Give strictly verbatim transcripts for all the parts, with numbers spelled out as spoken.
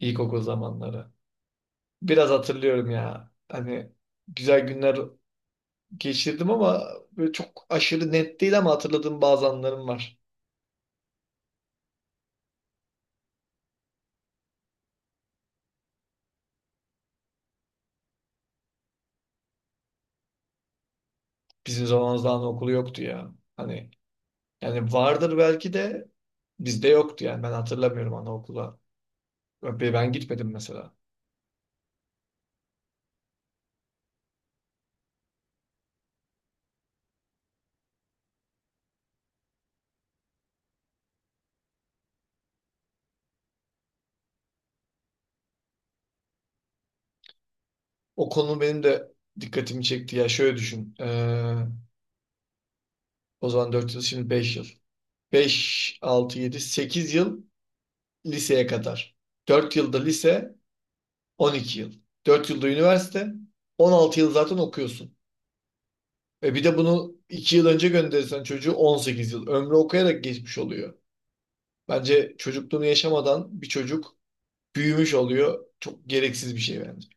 İlkokul zamanları. Biraz hatırlıyorum ya. Hani güzel günler geçirdim ama böyle çok aşırı net değil ama hatırladığım bazı anlarım var. Bizim zamanımızda anaokulu yoktu ya. Hani yani vardır belki de bizde yoktu, yani ben hatırlamıyorum anaokula. Ben ben gitmedim mesela. O konu benim de dikkatimi çekti ya. Şöyle düşün. Ee, o zaman dört yıl, şimdi beş yıl. Beş, altı, yedi, sekiz yıl liseye kadar. Dört yılda lise, on iki yıl. Dört yılda üniversite. on altı yıl zaten okuyorsun. Ve bir de bunu iki yıl önce gönderirsen çocuğu on sekiz yıl. Ömrü okuyarak geçmiş oluyor. Bence çocukluğunu yaşamadan bir çocuk büyümüş oluyor. Çok gereksiz bir şey bence.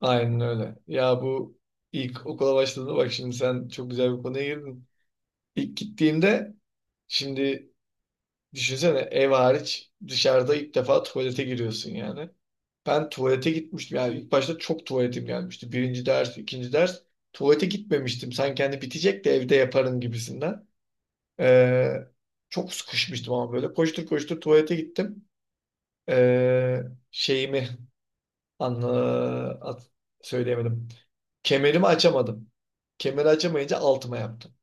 Aynen öyle. Ya bu ilk okula başladığında, bak şimdi sen çok güzel bir konuya girdin. İlk gittiğimde şimdi düşünsene, ev hariç dışarıda ilk defa tuvalete giriyorsun yani. Ben tuvalete gitmiştim, yani ilk başta çok tuvaletim gelmişti. Birinci ders, ikinci ders tuvalete gitmemiştim. Sanki hani bitecek de evde yaparım gibisinden. Ee, Çok sıkışmıştım ama böyle koştur koştur tuvalete gittim. Ee, Şeyimi anla, at- söyleyemedim. Kemerimi açamadım. Kemeri açamayınca altıma yaptım.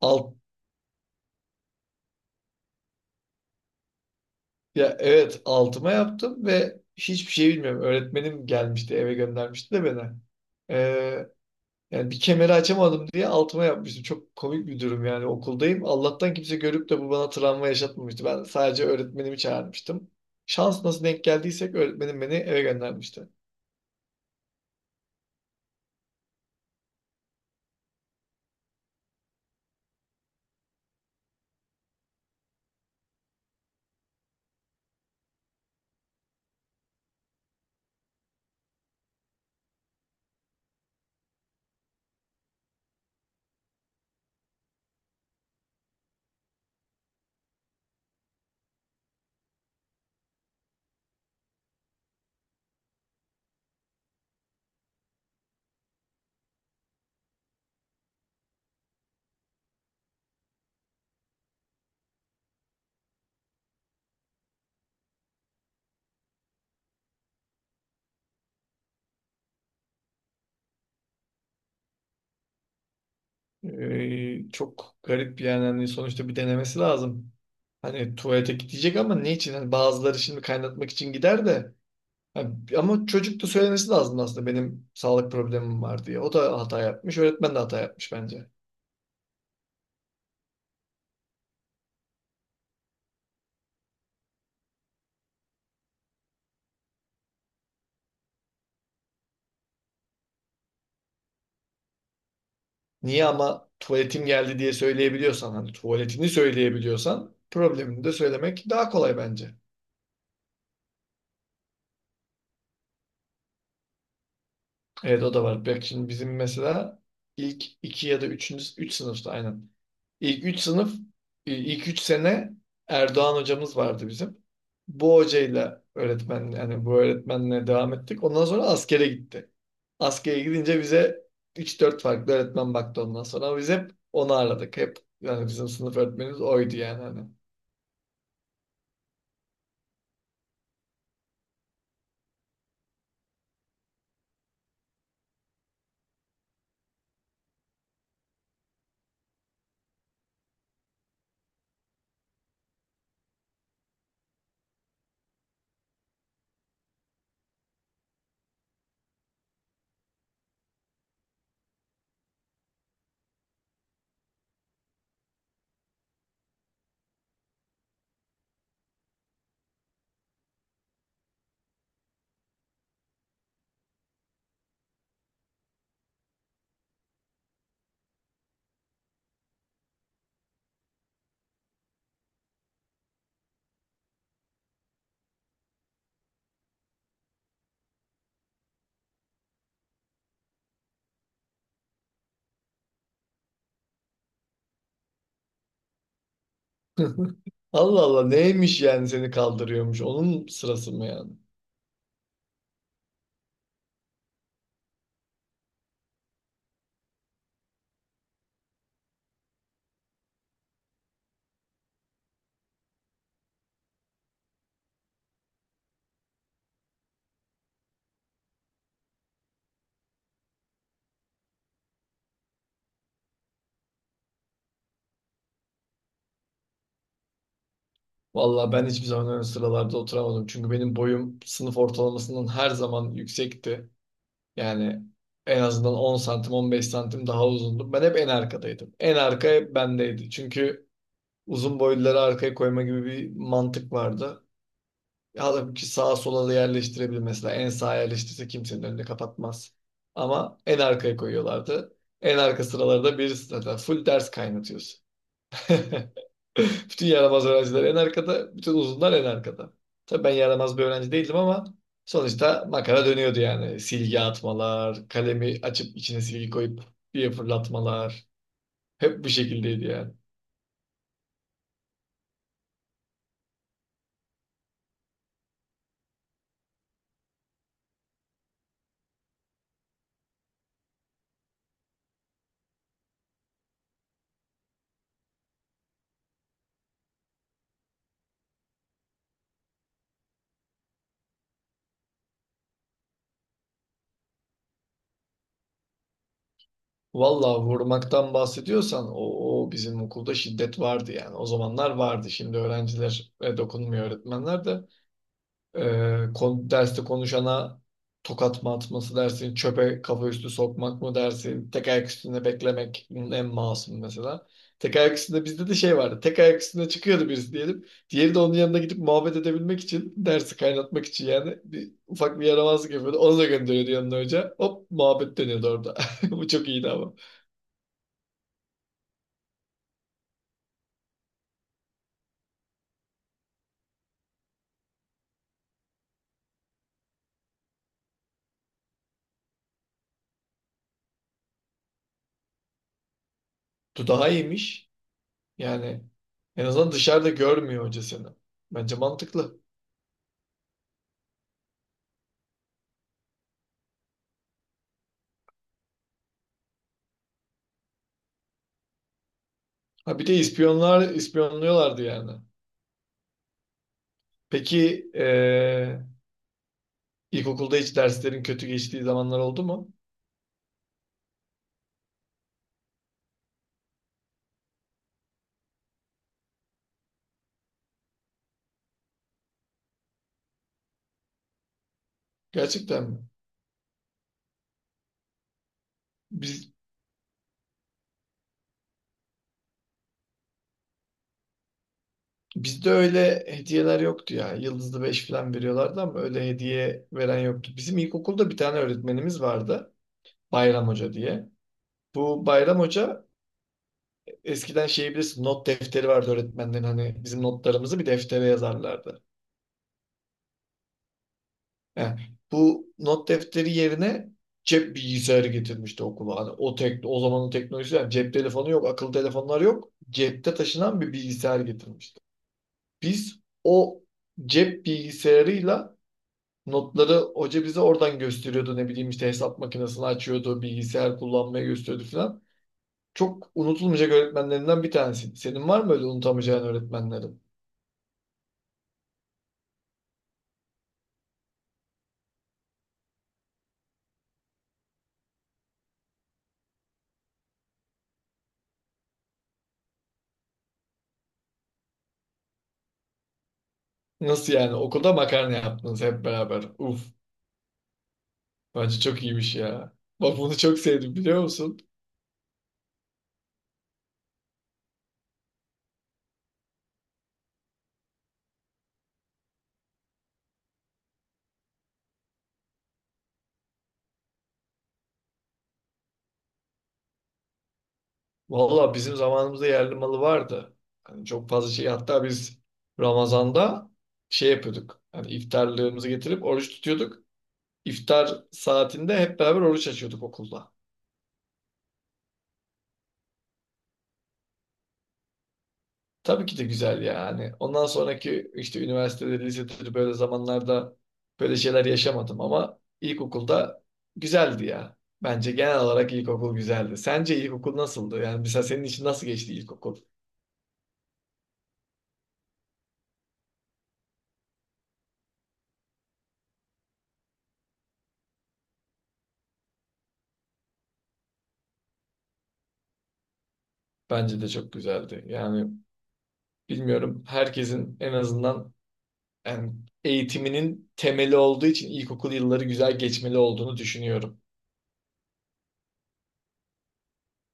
Alt. Ya evet, altıma yaptım ve hiçbir şey bilmiyorum. Öğretmenim gelmişti, eve göndermişti de beni. Ee, Yani bir kemeri açamadım diye altıma yapmıştım. Çok komik bir durum, yani okuldayım. Allah'tan kimse görüp de bu bana travma yaşatmamıştı. Ben sadece öğretmenimi çağırmıştım. Şans nasıl denk geldiysek öğretmenim beni eve göndermişti. Ee, çok garip yani, hani sonuçta bir denemesi lazım. Hani tuvalete gidecek ama ne için? Hani bazıları şimdi kaynatmak için gider de Ha, ama çocuk da söylemesi lazım aslında benim sağlık problemim var diye. O da hata yapmış, öğretmen de hata yapmış bence. Niye ama tuvaletim geldi diye söyleyebiliyorsan, hani tuvaletini söyleyebiliyorsan problemini de söylemek daha kolay bence. Evet, o da var. Bak şimdi bizim mesela ilk iki ya da üçüncü, üç sınıfta aynen. İlk üç sınıf, e, ilk üç sene Erdoğan hocamız vardı bizim. Bu hocayla öğretmen, yani bu öğretmenle devam ettik. Ondan sonra askere gitti. Askere gidince bize üç dört farklı öğretmen baktı ondan sonra. Ama biz hep onu aradık. Hep, yani bizim sınıf öğretmenimiz oydu yani hani. Allah Allah, neymiş yani, seni kaldırıyormuş. Onun sırası mı yani? Vallahi ben hiçbir zaman ön sıralarda oturamadım. Çünkü benim boyum sınıf ortalamasından her zaman yüksekti. Yani en azından on santim, on beş santim daha uzundum. Ben hep en arkadaydım. En arka hep bendeydi. Çünkü uzun boyluları arkaya koyma gibi bir mantık vardı. Halbuki sağa sola da yerleştirebilir mesela. En sağa yerleştirse kimsenin önünü kapatmaz. Ama en arkaya koyuyorlardı. En arka sıralarda birisi zaten full ders kaynatıyorsun. Bütün yaramaz öğrenciler en arkada, bütün uzunlar en arkada. Tabii ben yaramaz bir öğrenci değildim ama sonuçta makara dönüyordu yani. Silgi atmalar, kalemi açıp içine silgi koyup diye fırlatmalar. Hep bu şekildeydi yani. Vallahi vurmaktan bahsediyorsan o, o bizim okulda şiddet vardı yani. O zamanlar vardı. Şimdi öğrencilere dokunmuyor öğretmenler de. Ee, kon- derste konuşana tokat mı atması dersin, çöpe kafa üstü sokmak mı dersin, tek ayak üstünde beklemek bunun en masum mesela. Tek ayak üstünde bizde de şey vardı. Tek ayak üstünde çıkıyordu birisi diyelim. Diğeri de onun yanına gidip muhabbet edebilmek için, dersi kaynatmak için yani bir, ufak bir yaramazlık yapıyordu. Onu da gönderiyordu yanına hoca. Hop, muhabbet dönüyordu orada. Bu çok iyiydi ama. Bu daha iyiymiş. Yani en azından dışarıda görmüyor hoca seni. Bence mantıklı. Ha bir de ispiyonlar, ispiyonluyorlardı yani. Peki eee, ilkokulda hiç derslerin kötü geçtiği zamanlar oldu mu? Gerçekten mi? Biz, Bizde öyle hediyeler yoktu ya. Yıldızlı beş falan veriyorlardı ama öyle hediye veren yoktu. Bizim ilkokulda bir tane öğretmenimiz vardı. Bayram Hoca diye. Bu Bayram Hoca eskiden, şey bilirsin, not defteri vardı öğretmenlerin, hani bizim notlarımızı bir deftere yazarlardı. Yani bu not defteri yerine cep bilgisayarı getirmişti okula. Hani o tek, o zamanın teknolojisi yani, cep telefonu yok, akıllı telefonlar yok. Cepte taşınan bir bilgisayar getirmişti. Biz o cep bilgisayarıyla notları hoca bize oradan gösteriyordu. Ne bileyim işte hesap makinesini açıyordu, bilgisayar kullanmayı gösteriyordu falan. Çok unutulmayacak öğretmenlerinden bir tanesi. Senin var mı öyle unutamayacağın öğretmenlerin? Nasıl yani? Okulda makarna yaptınız hep beraber. Uf. Bence çok iyiymiş ya. Bak bunu çok sevdim, biliyor musun? Valla bizim zamanımızda yerli malı vardı. Hani çok fazla şey, hatta biz Ramazan'da şey yapıyorduk. Hani iftarlığımızı getirip oruç tutuyorduk. İftar saatinde hep beraber oruç açıyorduk okulda. Tabii ki de güzel yani. Ondan sonraki işte üniversitede, lisede böyle zamanlarda böyle şeyler yaşamadım ama ilkokulda güzeldi ya. Bence genel olarak ilkokul güzeldi. Sence ilkokul nasıldı? Yani mesela senin için nasıl geçti ilkokul? Bence de çok güzeldi. Yani bilmiyorum, herkesin en azından, yani eğitiminin temeli olduğu için ilkokul yılları güzel geçmeli olduğunu düşünüyorum.